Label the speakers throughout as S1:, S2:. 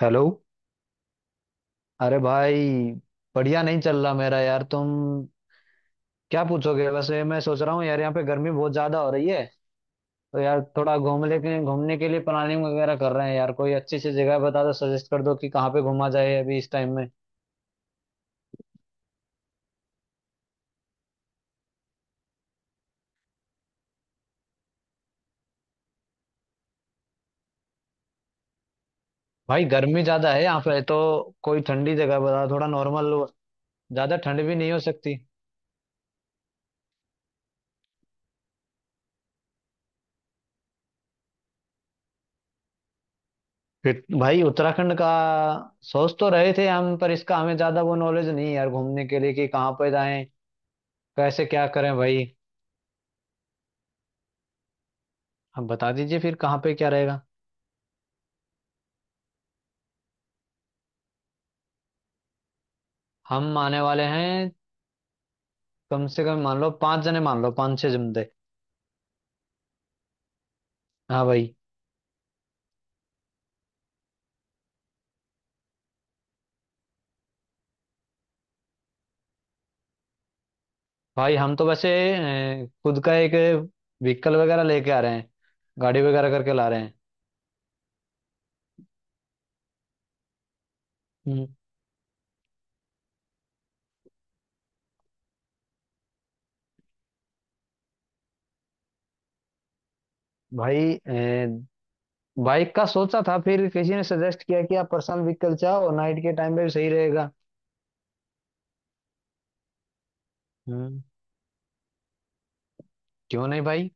S1: Hello. अरे भाई, बढ़िया नहीं चल रहा मेरा यार। तुम क्या पूछोगे वैसे। मैं सोच रहा हूँ यार, यहाँ पे गर्मी बहुत ज्यादा हो रही है, तो यार थोड़ा घूम लेके घूमने के लिए प्लानिंग वगैरह कर रहे हैं। यार कोई अच्छी सी जगह बता दो, सजेस्ट कर दो कि कहाँ पे घूमा जाए अभी इस टाइम में। भाई गर्मी ज्यादा है यहाँ पे, तो कोई ठंडी जगह बता दो, थोड़ा नॉर्मल। ज्यादा ठंड भी नहीं हो सकती। फिर भाई उत्तराखंड का सोच तो रहे थे हम, पर इसका हमें ज्यादा वो नॉलेज नहीं है यार, घूमने के लिए कि कहाँ पे जाएं। कैसे क्या करें भाई, आप बता दीजिए फिर कहाँ पे क्या रहेगा। हम आने वाले हैं कम से कम, मान लो पांच जने, मान लो पांच छह जमते। हाँ भाई। भाई हम तो वैसे खुद का एक व्हीकल वगैरह लेके आ रहे हैं, गाड़ी वगैरह करके ला रहे हैं। हम्म। भाई बाइक का सोचा था, फिर किसी ने सजेस्ट किया कि आप पर्सनल व्हीकल चाहो, नाइट के टाइम पे भी सही रहेगा। हम्म, क्यों नहीं भाई।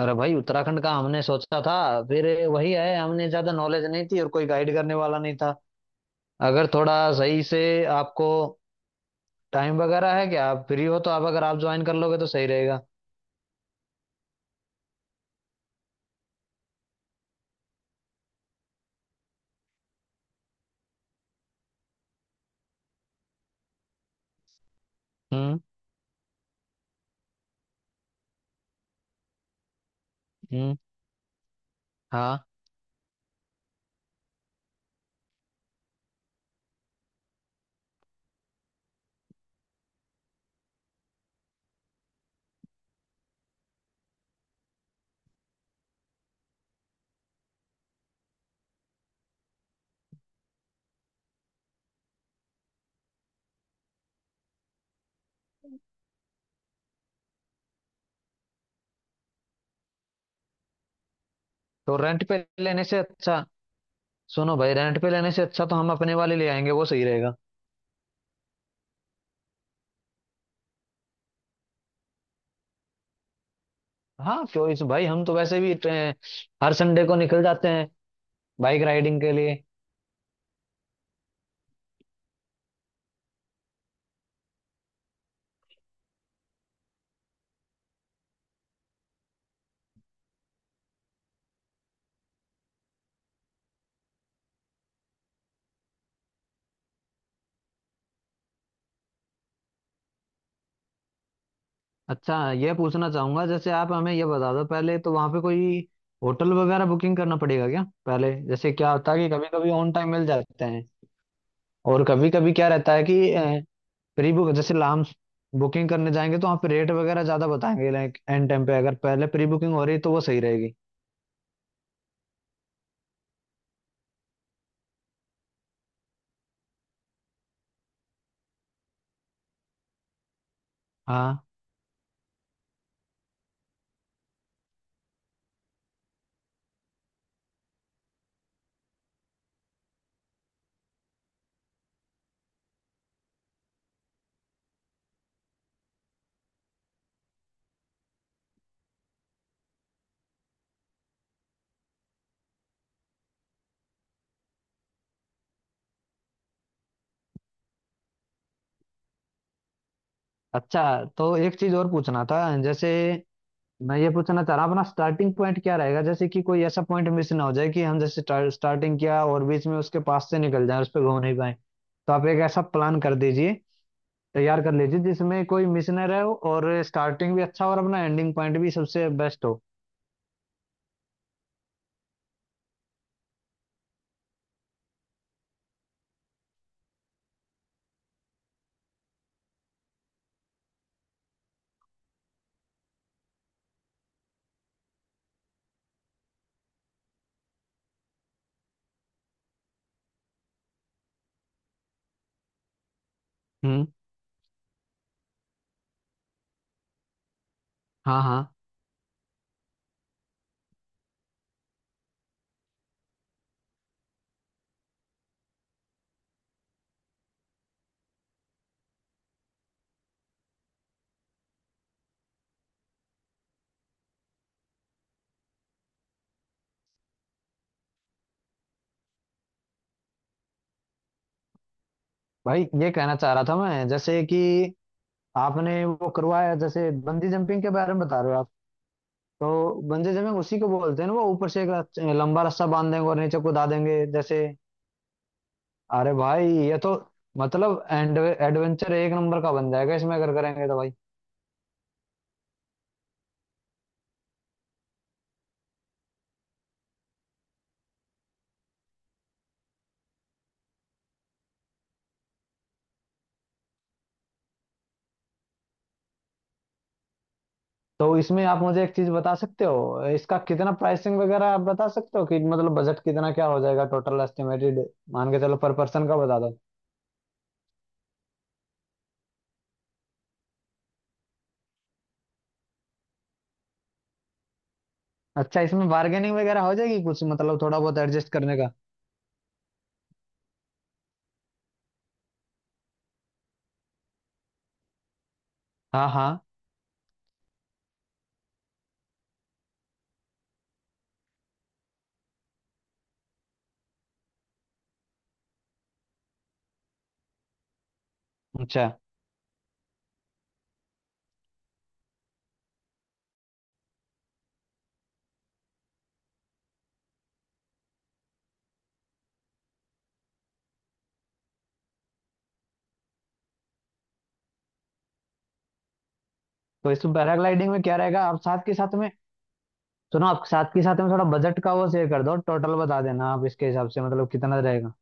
S1: अरे भाई उत्तराखंड का हमने सोचा था, फिर वही है, हमने ज्यादा नॉलेज नहीं थी और कोई गाइड करने वाला नहीं था। अगर थोड़ा सही से आपको टाइम वगैरह है क्या, आप फ्री हो तो, आप अगर आप ज्वाइन कर लोगे तो सही रहेगा। हम्म। हम्म। हाँ, तो रेंट पे लेने से अच्छा, सुनो भाई, रेंट पे लेने से अच्छा तो हम अपने वाले ले आएंगे, वो सही रहेगा। हाँ, क्यों इस भाई, हम तो वैसे भी हर संडे को निकल जाते हैं बाइक राइडिंग के लिए। अच्छा, ये पूछना चाहूंगा जैसे, आप हमें ये बता दो पहले, तो वहाँ पे कोई होटल वगैरह बुकिंग करना पड़ेगा क्या पहले? जैसे क्या होता है कि कभी कभी ऑन टाइम मिल जाते हैं, और कभी कभी क्या रहता है कि प्री बुक, जैसे लाम बुकिंग करने जाएंगे तो वहाँ पे रेट वगैरह ज्यादा बताएंगे। लाइक एंड टाइम पे अगर पहले प्री बुकिंग हो रही तो वो सही रहेगी। हाँ। अच्छा, तो एक चीज और पूछना था जैसे, मैं ये पूछना चाह रहा हूँ, अपना स्टार्टिंग पॉइंट क्या रहेगा? जैसे कि कोई ऐसा पॉइंट मिस ना हो जाए कि हम जैसे स्टार्टिंग किया और बीच में उसके पास से निकल जाए, उस पर घूम नहीं पाए। तो आप एक ऐसा प्लान कर दीजिए, तैयार कर लीजिए जिसमें कोई मिस ना रहे हो, और स्टार्टिंग भी अच्छा हो और अपना एंडिंग पॉइंट भी सबसे बेस्ट हो। हम्म। हाँ हाँ। भाई ये कहना चाह रहा था मैं, जैसे कि आपने वो करवाया, जैसे बंजी जंपिंग के बारे में बता रहे हो आप, तो बंजी जंपिंग उसी को बोलते हैं ना, वो ऊपर से एक लंबा रस्सा बांध देंगे और नीचे कूदा देंगे जैसे। अरे भाई ये तो मतलब एंड एडवेंचर एक नंबर का बन जाएगा इसमें, अगर करेंगे तो भाई। तो इसमें आप मुझे एक चीज बता सकते हो, इसका कितना प्राइसिंग वगैरह आप बता सकते हो कि मतलब बजट कितना क्या हो जाएगा टोटल एस्टिमेटेड? मान के चलो, पर पर्सन का बता दो। अच्छा, इसमें बार्गेनिंग वगैरह हो जाएगी कुछ, मतलब थोड़ा बहुत एडजस्ट करने का? हाँ हाँ। अच्छा, तो इसमें पैराग्लाइडिंग में क्या रहेगा, आप साथ के साथ में, सुनो, आप साथ के साथ में थोड़ा बजट का वो शेयर कर दो, टोटल बता देना आप इसके हिसाब से, मतलब कितना रहेगा।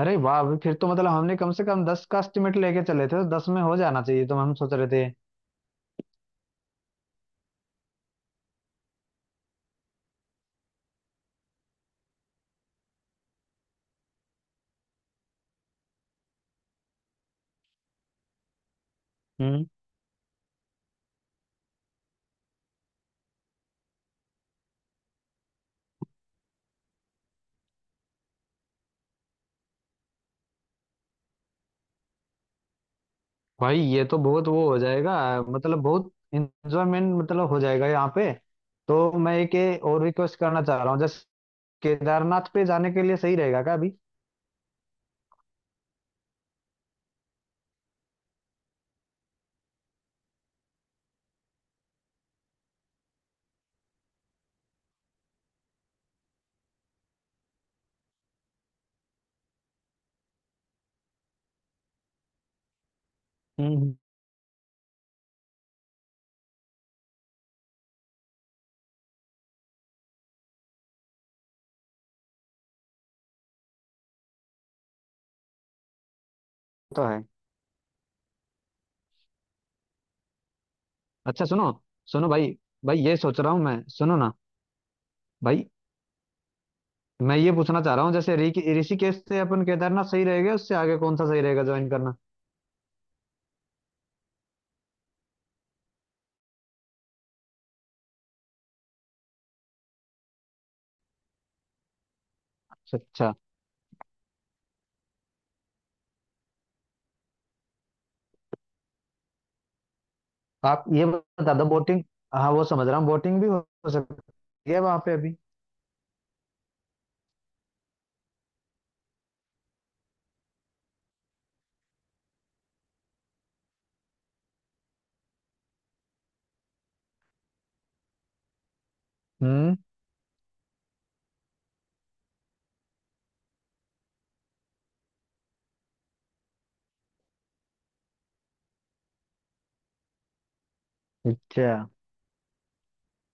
S1: अरे वाह, अभी फिर तो मतलब हमने कम से कम दस का एस्टिमेट लेके चले थे, तो दस में हो जाना चाहिए तो, हम सोच रहे थे। हम्म। भाई ये तो बहुत वो हो जाएगा, मतलब बहुत इंजॉयमेंट मतलब हो जाएगा यहाँ पे। तो मैं एक ये और रिक्वेस्ट करना चाह रहा हूँ जैसे, केदारनाथ पे जाने के लिए सही रहेगा क्या अभी? हम्म। तो है, अच्छा सुनो, सुनो भाई, भाई ये सोच रहा हूँ मैं, सुनो ना भाई, मैं ये पूछना चाह रहा हूँ जैसे, ऋषिकेश से अपन केदारनाथ सही रहेगा, उससे आगे कौन सा सही रहेगा ज्वाइन करना? अच्छा। आप ये बता दो, बोटिंग, हाँ वो समझ रहा हूँ, बोटिंग भी हो सकती है वहां पे अभी? हम्म। अच्छा,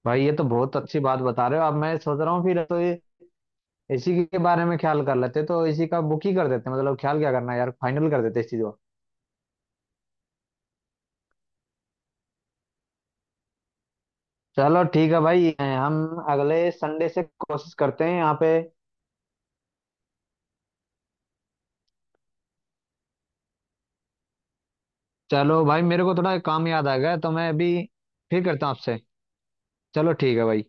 S1: भाई ये तो बहुत अच्छी बात बता रहे हो। अब मैं सोच रहा हूँ फिर तो ये, इसी के बारे में ख्याल कर लेते तो इसी का बुक ही कर देते, मतलब ख्याल क्या करना है यार, फाइनल कर देते इस चीज को। चलो ठीक है भाई, हम अगले संडे से कोशिश करते हैं यहाँ पे। चलो भाई, मेरे को थोड़ा काम याद आ गया, तो मैं अभी फिर करता हूँ आपसे। चलो ठीक है भाई।